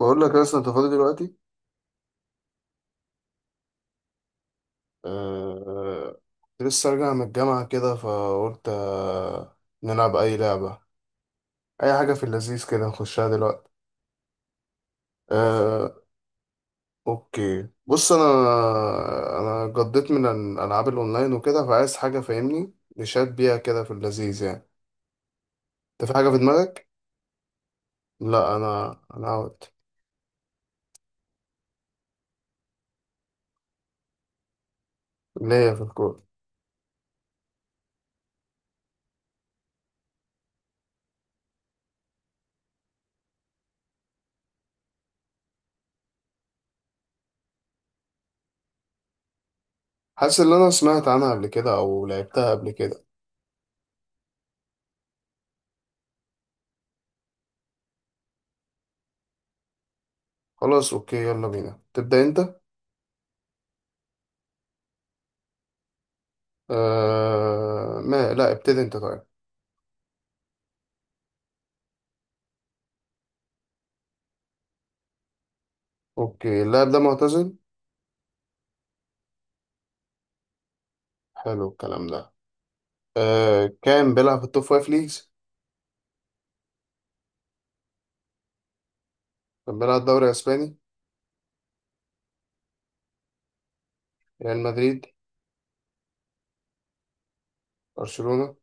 بقول لك لسه انت فاضي دلوقتي. أه... كنت لسه راجع من الجامعة كده فقلت نلعب أي لعبة، أي حاجة في اللذيذ كده نخشها دلوقتي. أه... أوكي بص، أنا قضيت من الألعاب الأونلاين وكده، فعايز حاجة فاهمني نشات بيها كده في اللذيذ يعني. أنت في حاجة في دماغك؟ لا، أنا أوت. ليا في الكورة. حاسس إن أنا سمعت عنها قبل كده أو لعبتها قبل كده. خلاص أوكي، يلا بينا، تبدأ أنت؟ ما لا ابتدي انت طيب. اوكي، اللاعب ده معتزل. حلو الكلام ده. كان بيلعب في التوب فايف ليجز. كان بيلعب الدوري الاسباني. ريال مدريد. برشلونة.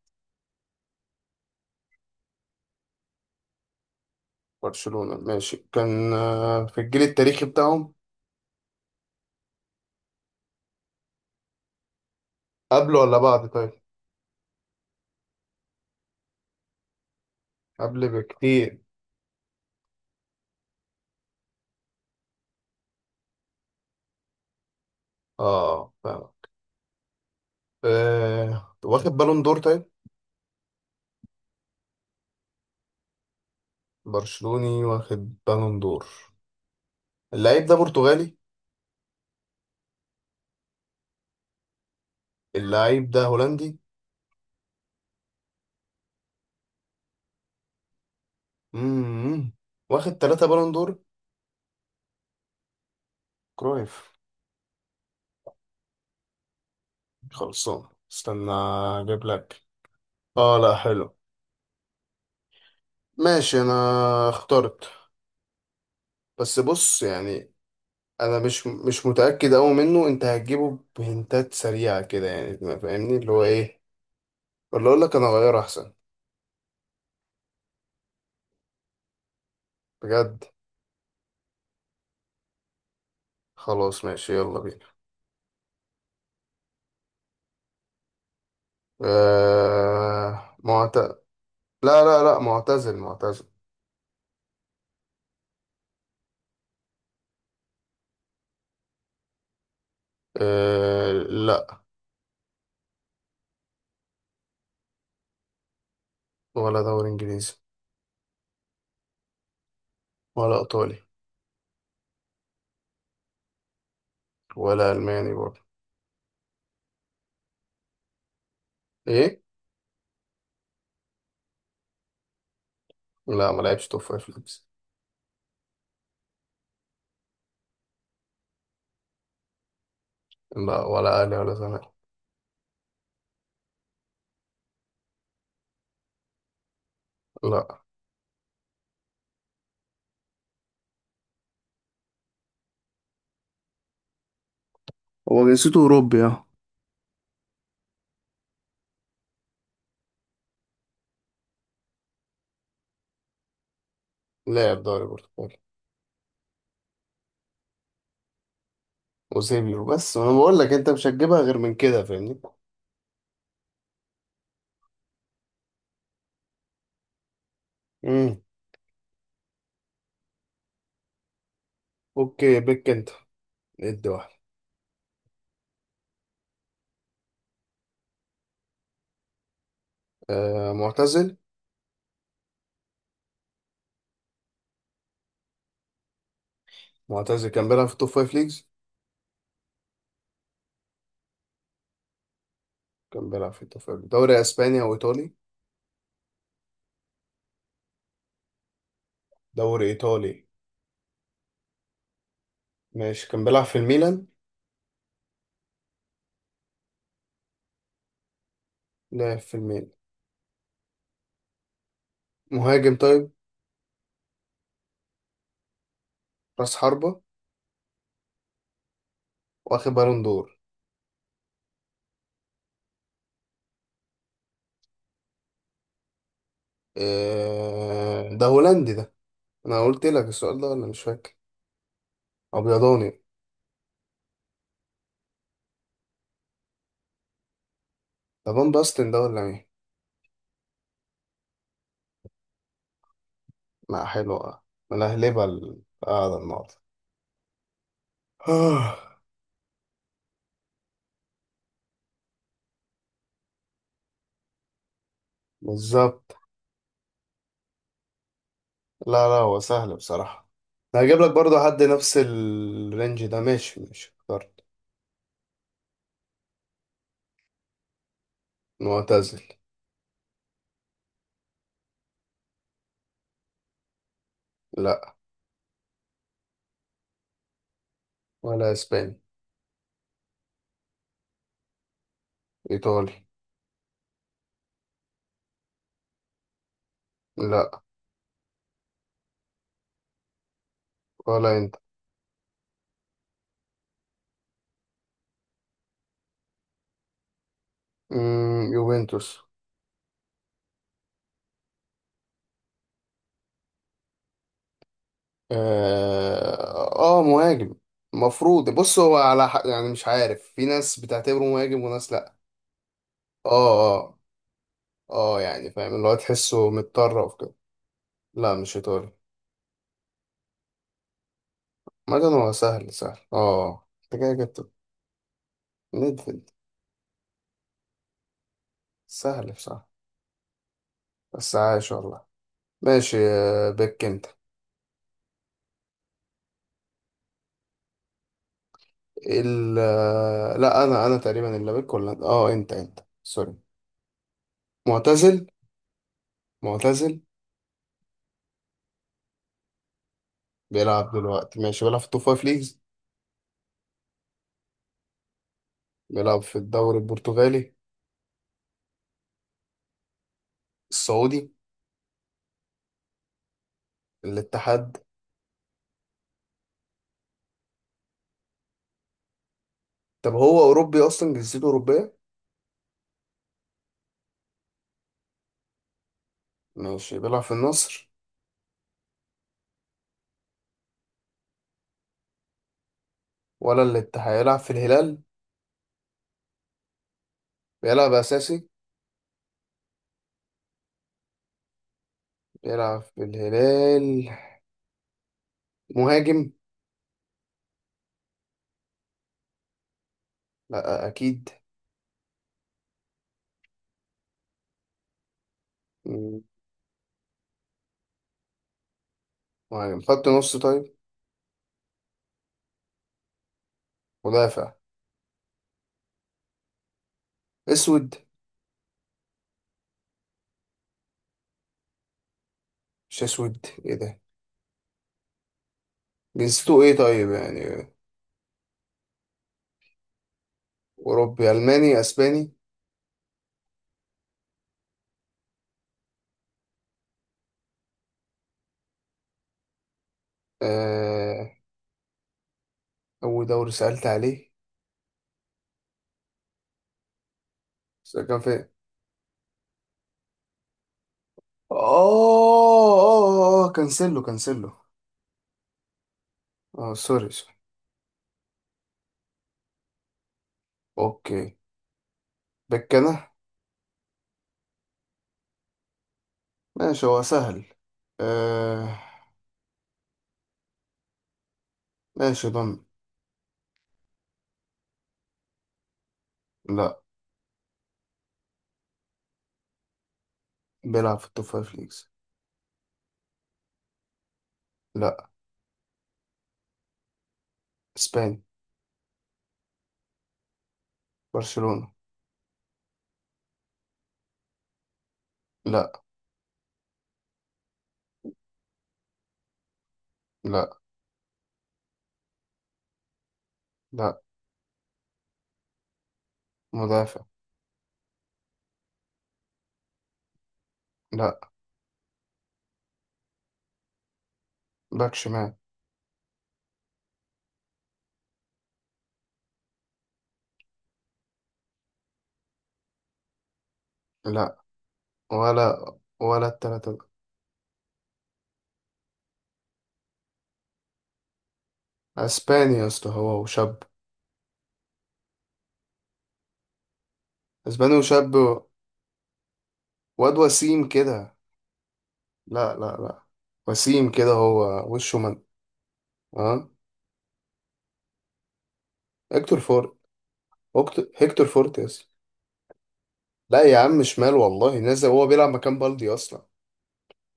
برشلونة ماشي، كان في الجيل التاريخي بتاعهم. قبل ولا بعد طيب؟ قبل بكتير. اه فاهم. آه، واخد بالون دور طيب؟ برشلوني واخد بالون دور. اللعيب ده برتغالي. اللعيب ده هولندي. امم واخد ثلاثة بالون دور. كرويف. خلصان. استنى. اجيب لك. اه لا حلو. ماشي انا اخترت. بس بص يعني، انا مش متاكد قوي منه. انت هتجيبه بهنتات سريعه كده يعني، ما فاهمني اللي هو ايه، ولا اقول لك انا اغير احسن؟ بجد. خلاص ماشي يلا بينا. آه معت... لا لا لا، معتزل معتزل. آه لا. ولا دوري انجليزي. ولا ايطالي. ولا الماني برضه. ايه. لا ما لعبش توب فايف ليجز. لا ولا اهلي ولا زمالك. لا، هو جنسيته أوروبي اه. لاعب دوري برتقالي. اوزيبيو، بس وانا بقول لك انت مش هتجيبها غير من كده فاهمني. امم اوكي بيك انت. ادي واحد. آه معتزل. معتزل كان بيلعب في التوب فايف ليجز. كان بيلعب في التوب فايف، دوري اسباني او ايطالي. دوري ايطالي. ماشي كان بيلعب في الميلان. لعب في الميلان. مهاجم طيب. راس حربة. واخد بالون دور. آه ده هولندي ده. انا قلت لك السؤال ده ولا مش فاكر؟ ابيضاني. ده فان باستن ده ولا مين؟ لا حلوة. ملهلبة القعدة النهاردة. آه، بالظبط. لا لا، هو سهل بصراحة. أنا هجيب لك برضو حد نفس الرينج ده. ماشي ماشي اخترت. معتزل. لا ولا اسباني. ايطالي. لا ولا انت. يوفنتوس. اه آه، مهاجم. المفروض بص، هو على حق يعني، مش عارف، في ناس بتعتبره مهاجم وناس لا. اه اه اه، يعني فاهم، اللي هو تحسه متطرف كده. لا مش ايطالي. مثلا هو سهل سهل. اه انت كده جبت ميدفيلد. سهل بصراحة. بس عايش والله. ماشي بك انت. ال آه، لا انا تقريبا اللي بك، ولا اه، انت سوري. معتزل معتزل. بيلعب دلوقتي ماشي، بيلعب في التوب فايف ليجز. بيلعب في الدوري البرتغالي. السعودي. الاتحاد. طب هو اوروبي اصلا؟ جنسيته اوروبية. ماشي بيلعب في النصر. ولا الاتحاد، يلعب في الهلال. بيلعب اساسي. بيلعب في الهلال. مهاجم. لا أكيد. مم. مهاجم خط نص طيب؟ مدافع. أسود. مش أسود، إيه ده؟ جنسيته إيه طيب يعني؟ أوروبي، ألماني، أسباني. آه... أول دوري سألت عليه. بس كان فين؟ آه آه آه آه، كانسيلو كانسيلو. آه سوري سوري. أوكي. بكنا. ماشي هو سهل. آه... ماشي ضمن. لا. بيلعب في التوب فايف ليجز. لا. إسباني. برشلونة. لا لا لا. مدافع. لا. باك شمال. لا ولا التلاتة دول. اسباني يا اسطى، هو وشاب. اسباني وشاب واد وسيم كده. لا لا لا. وسيم كده، هو وشه من. اه هيكتور فورت. هيكتور فورت يا اسطى. لا يا عم، شمال والله، نزل هو بيلعب مكان بالدي اصلا.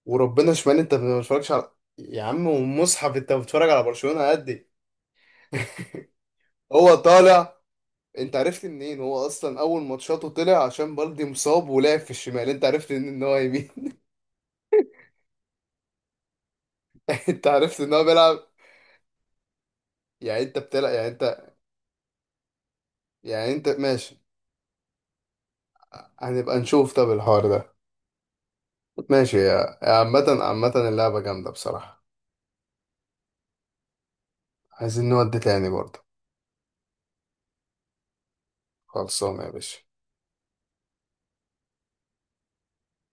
وربنا شمال، انت ما بتتفرجش على. يا عم ومصحف، انت بتتفرج على برشلونة قد إيه؟ هو طالع. انت عرفت منين؟ هو اصلا اول ماتشاته طلع عشان بالدي مصاب ولعب في الشمال، انت عرفت منين ان هو يمين؟ انت عرفت ان هو بيلعب؟ يعني انت بتلعب؟ يعني انت. يعني انت ماشي. هنبقى نشوف طب الحوار ده. ماشي يا عامة، عامة اللعبة جامدة بصراحة. عايزين نودي تاني برضه. خلصانة يا باشا.